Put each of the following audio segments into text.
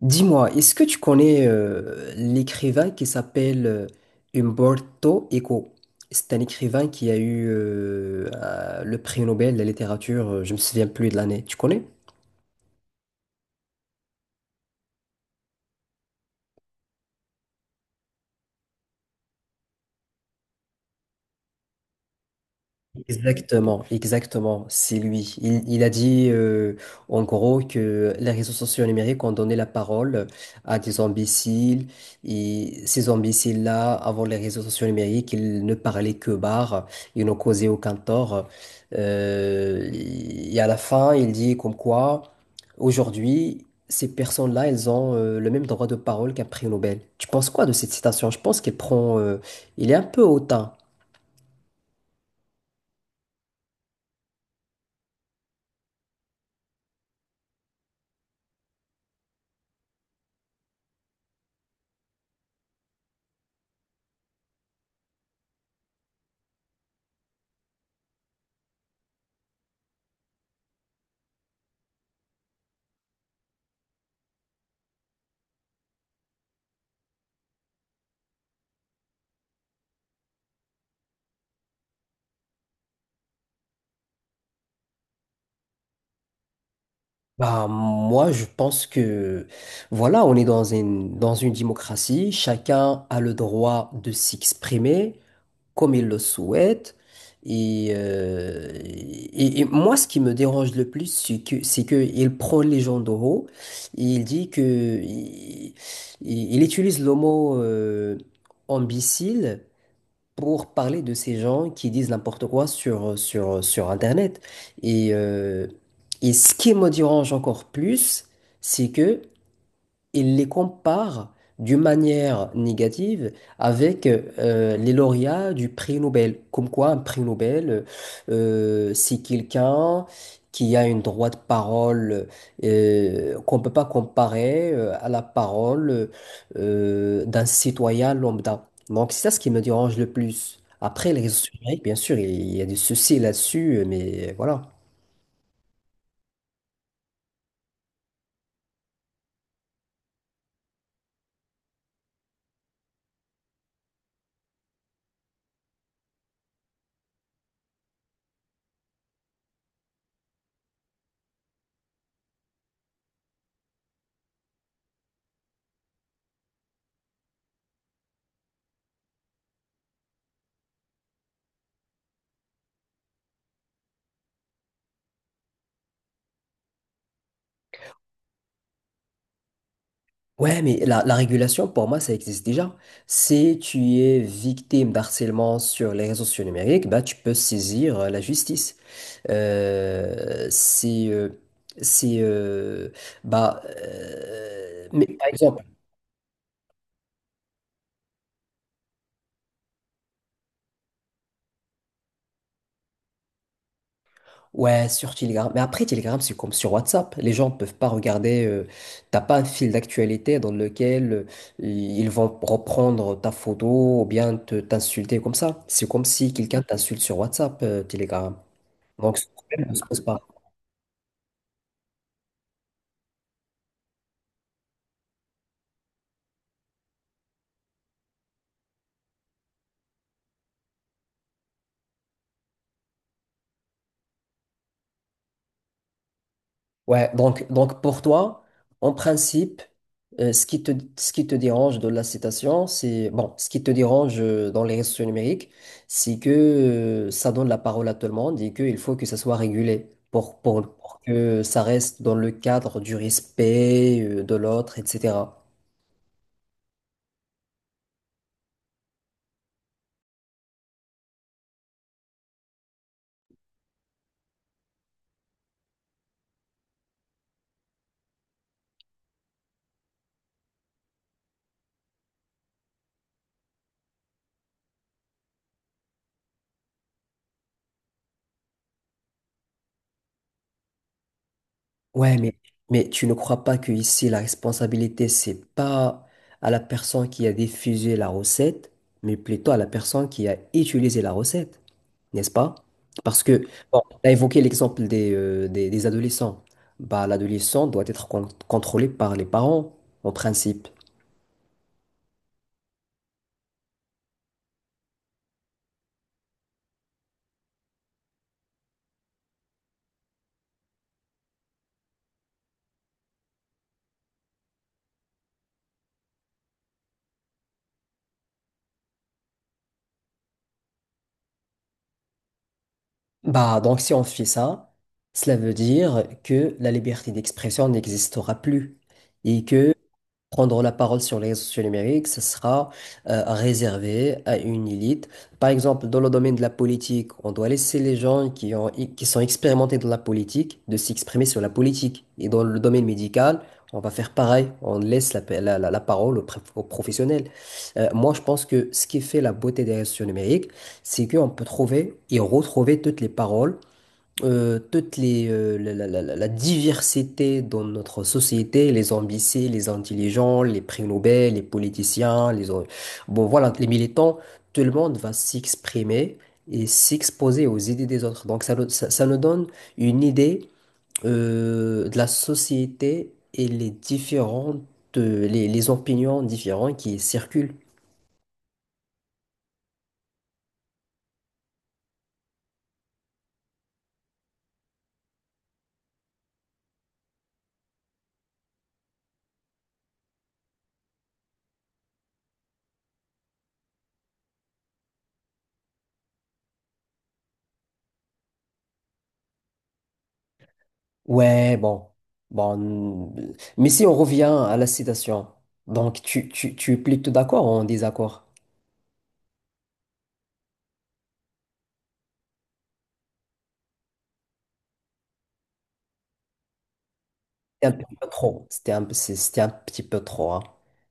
Dis-moi, est-ce que tu connais l'écrivain qui s'appelle Umberto Eco? C'est un écrivain qui a eu le prix Nobel de la littérature, je me souviens plus de l'année. Tu connais? Exactement, exactement, c'est lui. Il a dit en gros que les réseaux sociaux numériques ont donné la parole à des imbéciles, et ces imbéciles-là, avant les réseaux sociaux numériques, ils ne parlaient que barre, ils n'ont causé aucun tort. Euh, et à la fin, il dit comme quoi aujourd'hui, ces personnes-là, elles ont le même droit de parole qu'un prix Nobel. Tu penses quoi de cette citation? Je pense qu'elle prend, il est un peu hautain. Bah, moi, je pense que, voilà, on est dans dans une démocratie. Chacun a le droit de s'exprimer comme il le souhaite. Et moi, ce qui me dérange le plus, c'est que il prend les gens de haut. Et il dit que, il, il utilise le mot, imbécile, pour parler de ces gens qui disent n'importe quoi sur, sur Internet. Et, euh, et ce qui me dérange encore plus, c'est que il les compare d'une manière négative avec les lauréats du prix Nobel. Comme quoi, un prix Nobel, c'est quelqu'un qui a une droite de parole qu'on ne peut pas comparer à la parole d'un citoyen lambda. Donc, c'est ça ce qui me dérange le plus. Après, les réseaux sociaux, bien sûr, il y a des soucis là-dessus, mais voilà. Ouais, mais la régulation, pour moi, ça existe déjà. Si tu es victime d'harcèlement sur les réseaux sociaux numériques, bah, tu peux saisir la justice. Euh, c'est... euh, c'est... euh, mais par exemple, ouais, sur Telegram. Mais après, Telegram, c'est comme sur WhatsApp. Les gens ne peuvent pas regarder... t'as pas un fil d'actualité dans lequel ils vont reprendre ta photo ou bien te t'insulter comme ça. C'est comme si quelqu'un t'insulte sur WhatsApp, Telegram. Donc, ce problème ne se pose pas. Ouais, donc pour toi, en principe, euh, ce qui te, ce qui te dérange de la citation, c'est, bon, ce qui te dérange dans les réseaux sociaux numériques, c'est que ça donne la parole à tout le monde et qu'il faut que ça soit régulé pour, pour que ça reste dans le cadre du respect de l'autre, etc. Ouais, mais tu ne crois pas que ici la responsabilité, c'est pas à la personne qui a diffusé la recette, mais plutôt à la personne qui a utilisé la recette, n'est-ce pas? Parce que, bon, tu as évoqué l'exemple des, des adolescents. Bah, l'adolescent doit être contrôlé par les parents, en principe. Bah, donc si on fait ça, cela veut dire que la liberté d'expression n'existera plus et que prendre la parole sur les réseaux sociaux numériques, ce sera réservé à une élite. Par exemple, dans le domaine de la politique, on doit laisser les gens qui ont, qui sont expérimentés dans la politique de s'exprimer sur la politique. Et dans le domaine médical, on va faire pareil. On laisse la, pa- la- la- la parole aux professionnels. Moi, je pense que ce qui fait la beauté des réseaux sociaux numériques, c'est qu'on peut trouver et retrouver toutes les paroles, toutes les, la, la- la- la- la diversité dans notre société, les ambitieux, les intelligents, les prix Nobel, les politiciens, bon, voilà, les militants, tout le monde va s'exprimer et s'exposer aux idées des autres. Donc ça, ça nous donne une idée de la société et les différentes, les opinions différentes qui circulent. Ouais, bon, bon. Mais si on revient à la citation, donc tu es plutôt d'accord ou en désaccord? C'était un petit peu trop. C'était un petit peu trop, hein.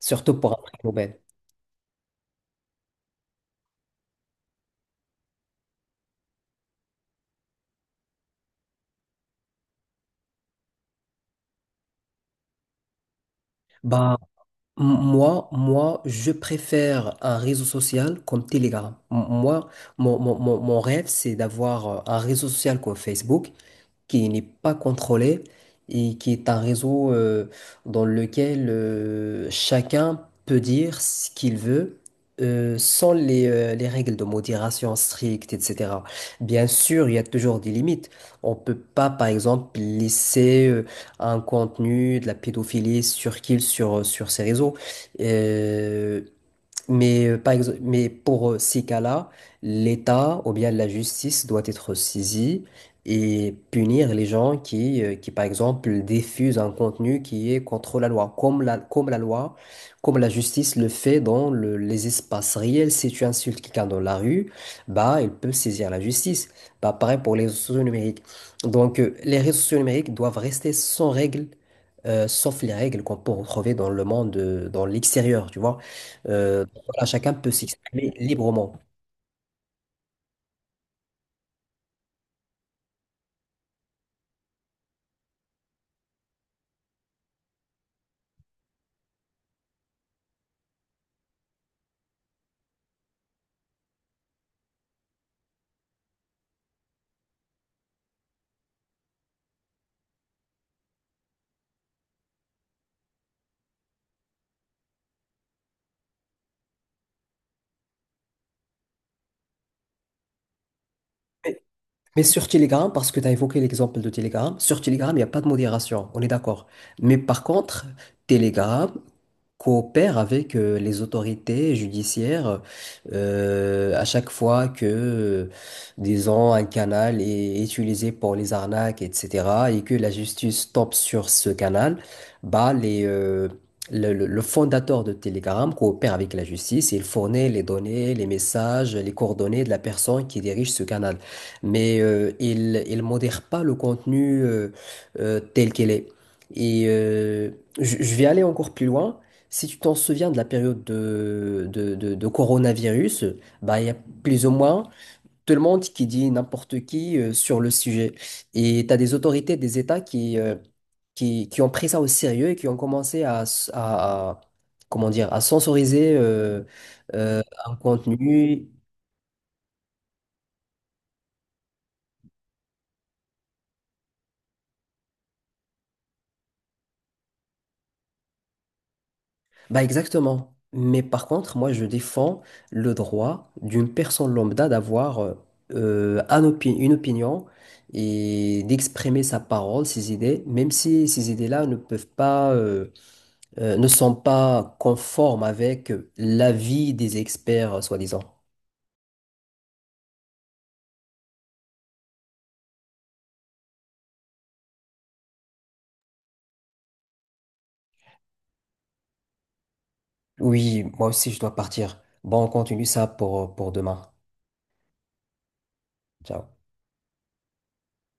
Surtout pour un prix Nobel. Bah, moi, je préfère un réseau social comme Telegram. Moi, mon rêve, c'est d'avoir un réseau social comme Facebook qui n'est pas contrôlé et qui est un réseau dans lequel chacun peut dire ce qu'il veut, sans les, les règles de modération strictes, etc. Bien sûr, il y a toujours des limites. On peut pas, par exemple, laisser un contenu de la pédophilie sur sur ces réseaux. Euh, Par exemple, mais pour ces cas-là, l'État ou bien la justice doit être saisie et punir les gens qui, par exemple, diffusent un contenu qui est contre la loi, comme la loi, comme la justice le fait dans les espaces réels. Si tu insultes quelqu'un dans la rue, bah, il peut saisir la justice. Bah, pareil pour les réseaux sociaux numériques. Donc, les réseaux sociaux numériques doivent rester sans règles, sauf les règles qu'on peut retrouver dans le monde, dans l'extérieur, tu vois. Euh, voilà, chacun peut s'exprimer librement. Mais sur Telegram, parce que tu as évoqué l'exemple de Telegram, sur Telegram, il n'y a pas de modération, on est d'accord. Mais par contre, Telegram coopère avec les autorités judiciaires à chaque fois que, disons, un canal est utilisé pour les arnaques, etc., et que la justice tombe sur ce canal, bah, le fondateur de Telegram coopère avec la justice et il fournit les données, les messages, les coordonnées de la personne qui dirige ce canal, mais il modère pas le contenu tel qu'il est. Et euh, je vais aller encore plus loin. Si tu t'en souviens de la période de coronavirus, bah, il y a plus ou moins tout le monde qui dit n'importe qui sur le sujet. Et tu as des autorités, des États qui ont pris ça au sérieux et qui ont commencé à, comment dire, à censoriser un contenu. Bah exactement. Mais par contre, moi, je défends le droit d'une personne lambda d'avoir une opinion et d'exprimer sa parole, ses idées, même si ces idées-là ne peuvent pas, ne sont pas conformes avec l'avis des experts, soi-disant. Oui, moi aussi, je dois partir. Bon, on continue ça pour demain. Ciao.